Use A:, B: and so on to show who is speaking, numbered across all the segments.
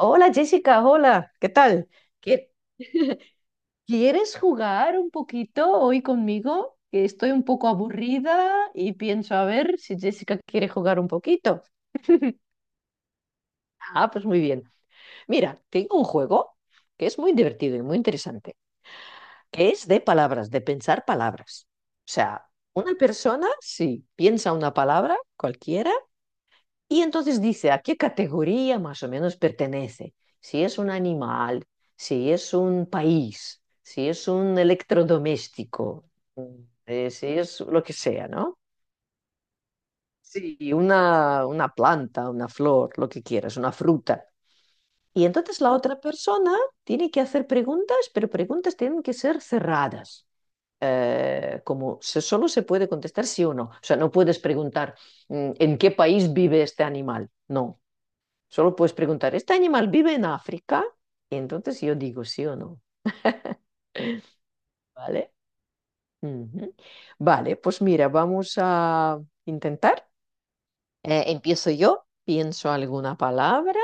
A: Hola Jessica, hola, ¿qué tal? ¿Qué? ¿Quieres jugar un poquito hoy conmigo? Que estoy un poco aburrida y pienso a ver si Jessica quiere jugar un poquito. Ah, pues muy bien. Mira, tengo un juego que es muy divertido y muy interesante, que es de palabras, de pensar palabras. O sea, una persona, si piensa una palabra cualquiera, y entonces dice a qué categoría más o menos pertenece. Si es un animal, si es un país, si es un electrodoméstico, mm, si es lo que sea, ¿no? Sí, una planta, una flor, lo que quieras, una fruta. Y entonces la otra persona tiene que hacer preguntas, pero preguntas tienen que ser cerradas. Solo se puede contestar sí o no. O sea, no puedes preguntar en qué país vive este animal. No, solo puedes preguntar, ¿este animal vive en África? Y entonces yo digo sí o no. ¿Vale? Ujú. Vale, pues mira, vamos a intentar. Empiezo yo, pienso alguna palabra.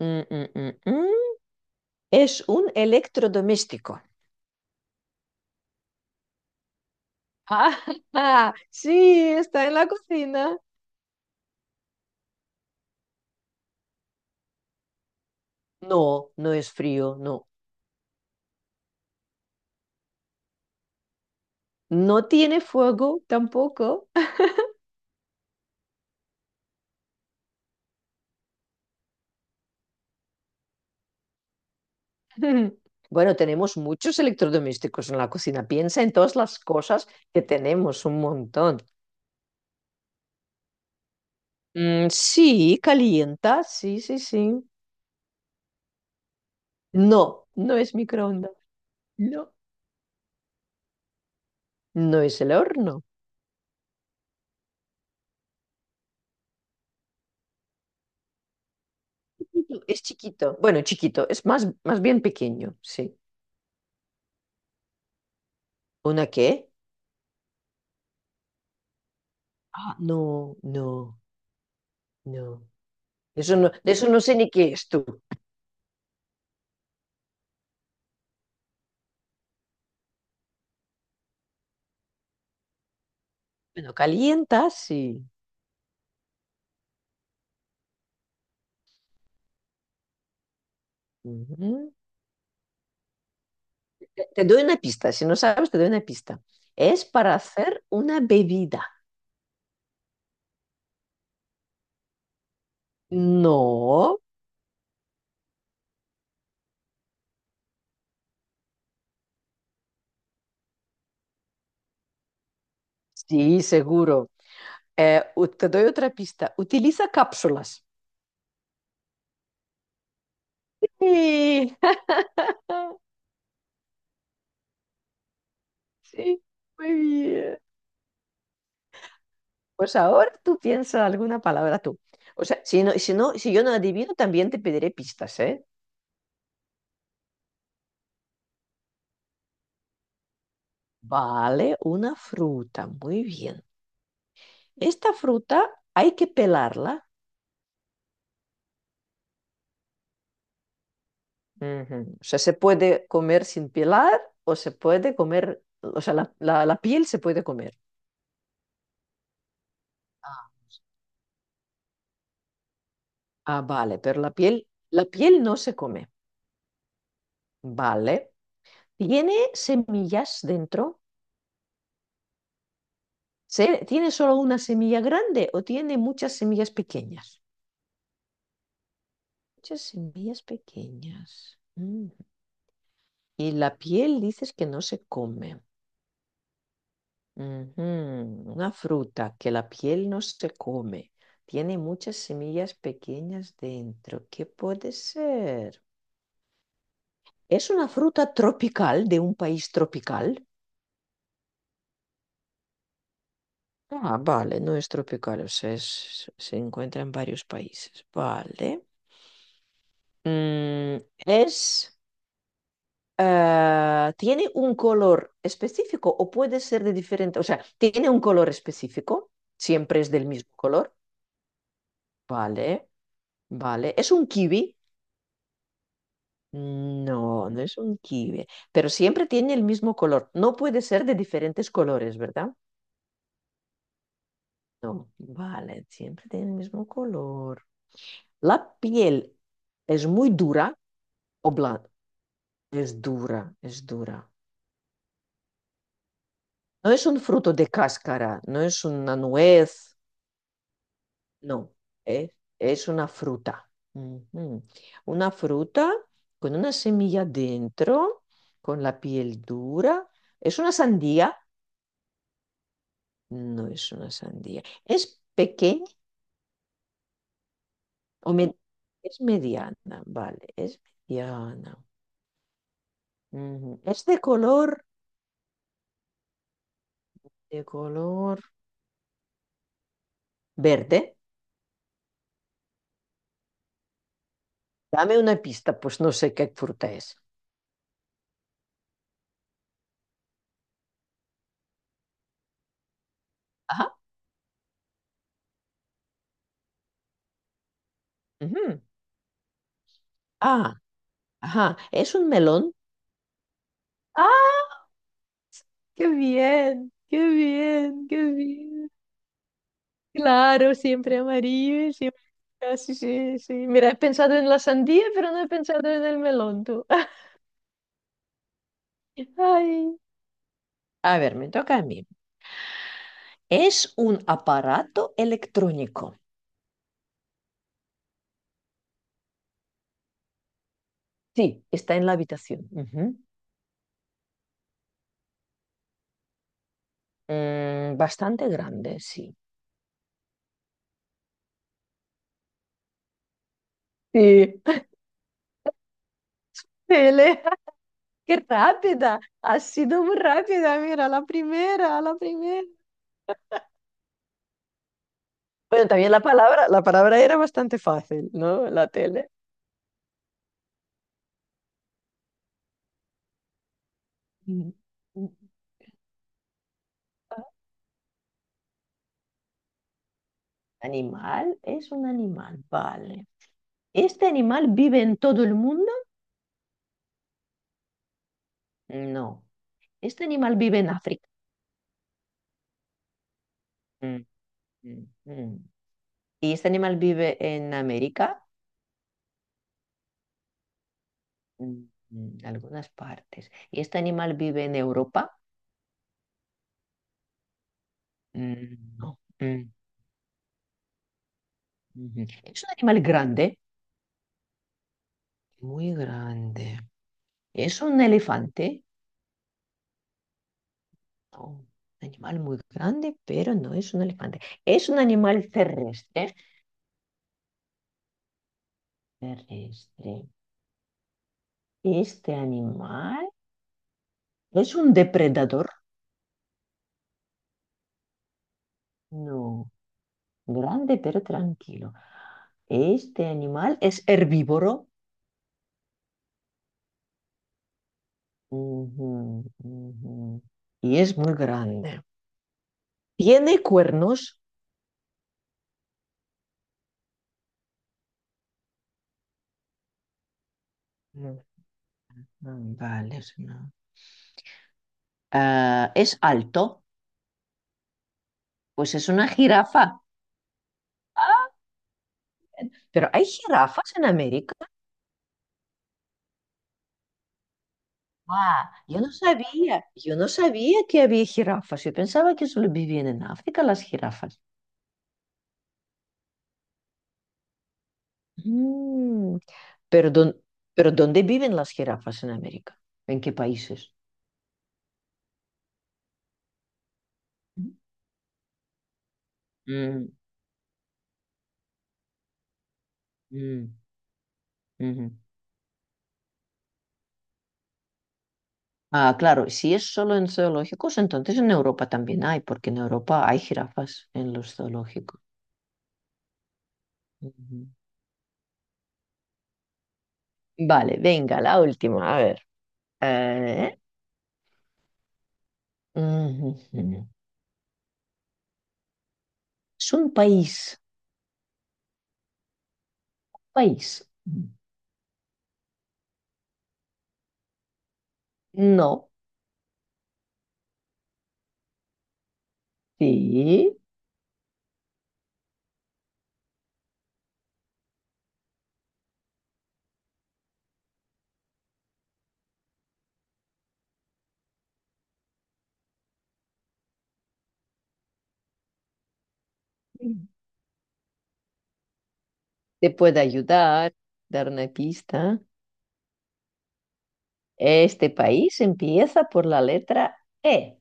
A: Mm, mm, mm, mm. Es un electrodoméstico. Ah, sí, está en la cocina. No, no es frío, no. No tiene fuego tampoco. Bueno, tenemos muchos electrodomésticos en la cocina. Piensa en todas las cosas que tenemos, un montón. Sí, calienta, sí, sí, sí. No, no es microondas. No, no es el horno. Chiquito, es chiquito. Bueno, chiquito, es más, más bien pequeño, sí. ¿Una qué? Ah, no, no, no. Eso no, de eso no sé ni qué es tú. Bueno, calienta, sí. Ujú. Te doy una pista, si no sabes, te doy una pista. Es para hacer una bebida. No, sí, seguro. Te doy otra pista. Utiliza cápsulas. Sí, sí, muy bien. Pues ahora tú piensa alguna palabra tú. O sea, si yo no adivino, también te pediré pistas, ¿eh? Vale, una fruta. Muy bien. Esta fruta hay que pelarla. Ujú. O sea, se puede comer sin pelar o se puede comer, o sea, la piel se puede comer. Ah, ah, vale, pero la piel no se come. Vale. ¿Tiene semillas dentro? ¿Tiene solo una semilla grande o tiene muchas semillas pequeñas? Muchas semillas pequeñas. Mm. Y la piel dices que no se come. Ujú, una fruta que la piel no se come. Tiene muchas semillas pequeñas dentro. ¿Qué puede ser? ¿Es una fruta tropical de un país tropical? Ah, vale, no es tropical, o sea, se encuentra en varios países. Vale. Mm, es, ¿Tiene un color específico o puede ser de diferente? O sea, ¿tiene un color específico? ¿Siempre es del mismo color? Vale, vale. ¿Es un kiwi? No, no es un kiwi, pero siempre tiene el mismo color. No puede ser de diferentes colores, ¿verdad? No, vale, siempre tiene el mismo color. La piel es muy dura o blanda. Es dura, es dura. No es un fruto de cáscara, no es una nuez, no, es, es una fruta. Ujú. Una fruta con una semilla dentro, con la piel dura. Es una sandía. No es una sandía. ¿Es pequeña o es mediana? Vale, es mediana. Ujú. Es de color verde. Dame una pista, pues no sé qué fruta es. Ajá. Ujú. Ah, ajá. ¿Es un melón? ¡Ah! ¡Qué bien! ¡Qué bien! ¡Qué bien! Claro, siempre amarillo, siempre... Ah, sí, sí, sí. Mira, he pensado en la sandía, pero no he pensado en el melón, tú. Ay. A ver, me toca a mí. Es un aparato electrónico. Sí, está en la habitación. Ujú. Bastante grande, sí. Sí. Elena, qué rápida. Ha sido muy rápida. Mira, la primera, la primera. Bueno, también la palabra era bastante fácil, ¿no? La tele. Mm. Animal, es un animal, vale. ¿Este animal vive en todo el mundo? No. ¿Este animal vive en África? Mm, mm, mm. ¿Y este animal vive en América? Mm, mm, algunas partes. ¿Y este animal vive en Europa? Mm, no. Mm, ujú. Es un animal grande, muy grande. ¿Es un elefante? No, un animal muy grande, pero no es un elefante. ¿Es un animal terrestre? Terrestre. ¿Este animal es un depredador? No, grande, pero tranquilo. ¿Este animal es herbívoro? Ujú, ujú. Y es muy grande. ¿Tiene cuernos? Mm, Vale, es una... Ah, es alto, pues es una jirafa. ¿Pero hay jirafas en América? Ah, yo no sabía que había jirafas. Yo pensaba que solo vivían en África las jirafas. Mm, pero, pero ¿dónde viven las jirafas en América? ¿En qué países? Mm, mm, ujú. Ah, claro, si es solo en zoológicos, entonces en Europa también hay, porque en Europa hay jirafas en los zoológicos. Ujú. Vale, venga, la última, a ver. Eh, ujú. Es un país, país. No, sí, te puede ayudar, dar una pista. Este país empieza por la letra E.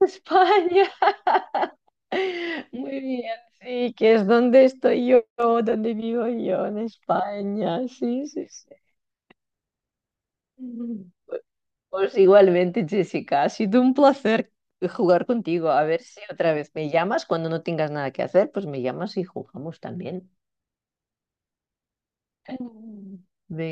A: España. Muy bien, sí, que es donde estoy yo, donde vivo yo, en España. Sí, sí, sí. Pues igualmente, Jessica, ha sido un placer jugar contigo. A ver si otra vez me llamas cuando no tengas nada que hacer, pues me llamas y jugamos también. Mm. Venga.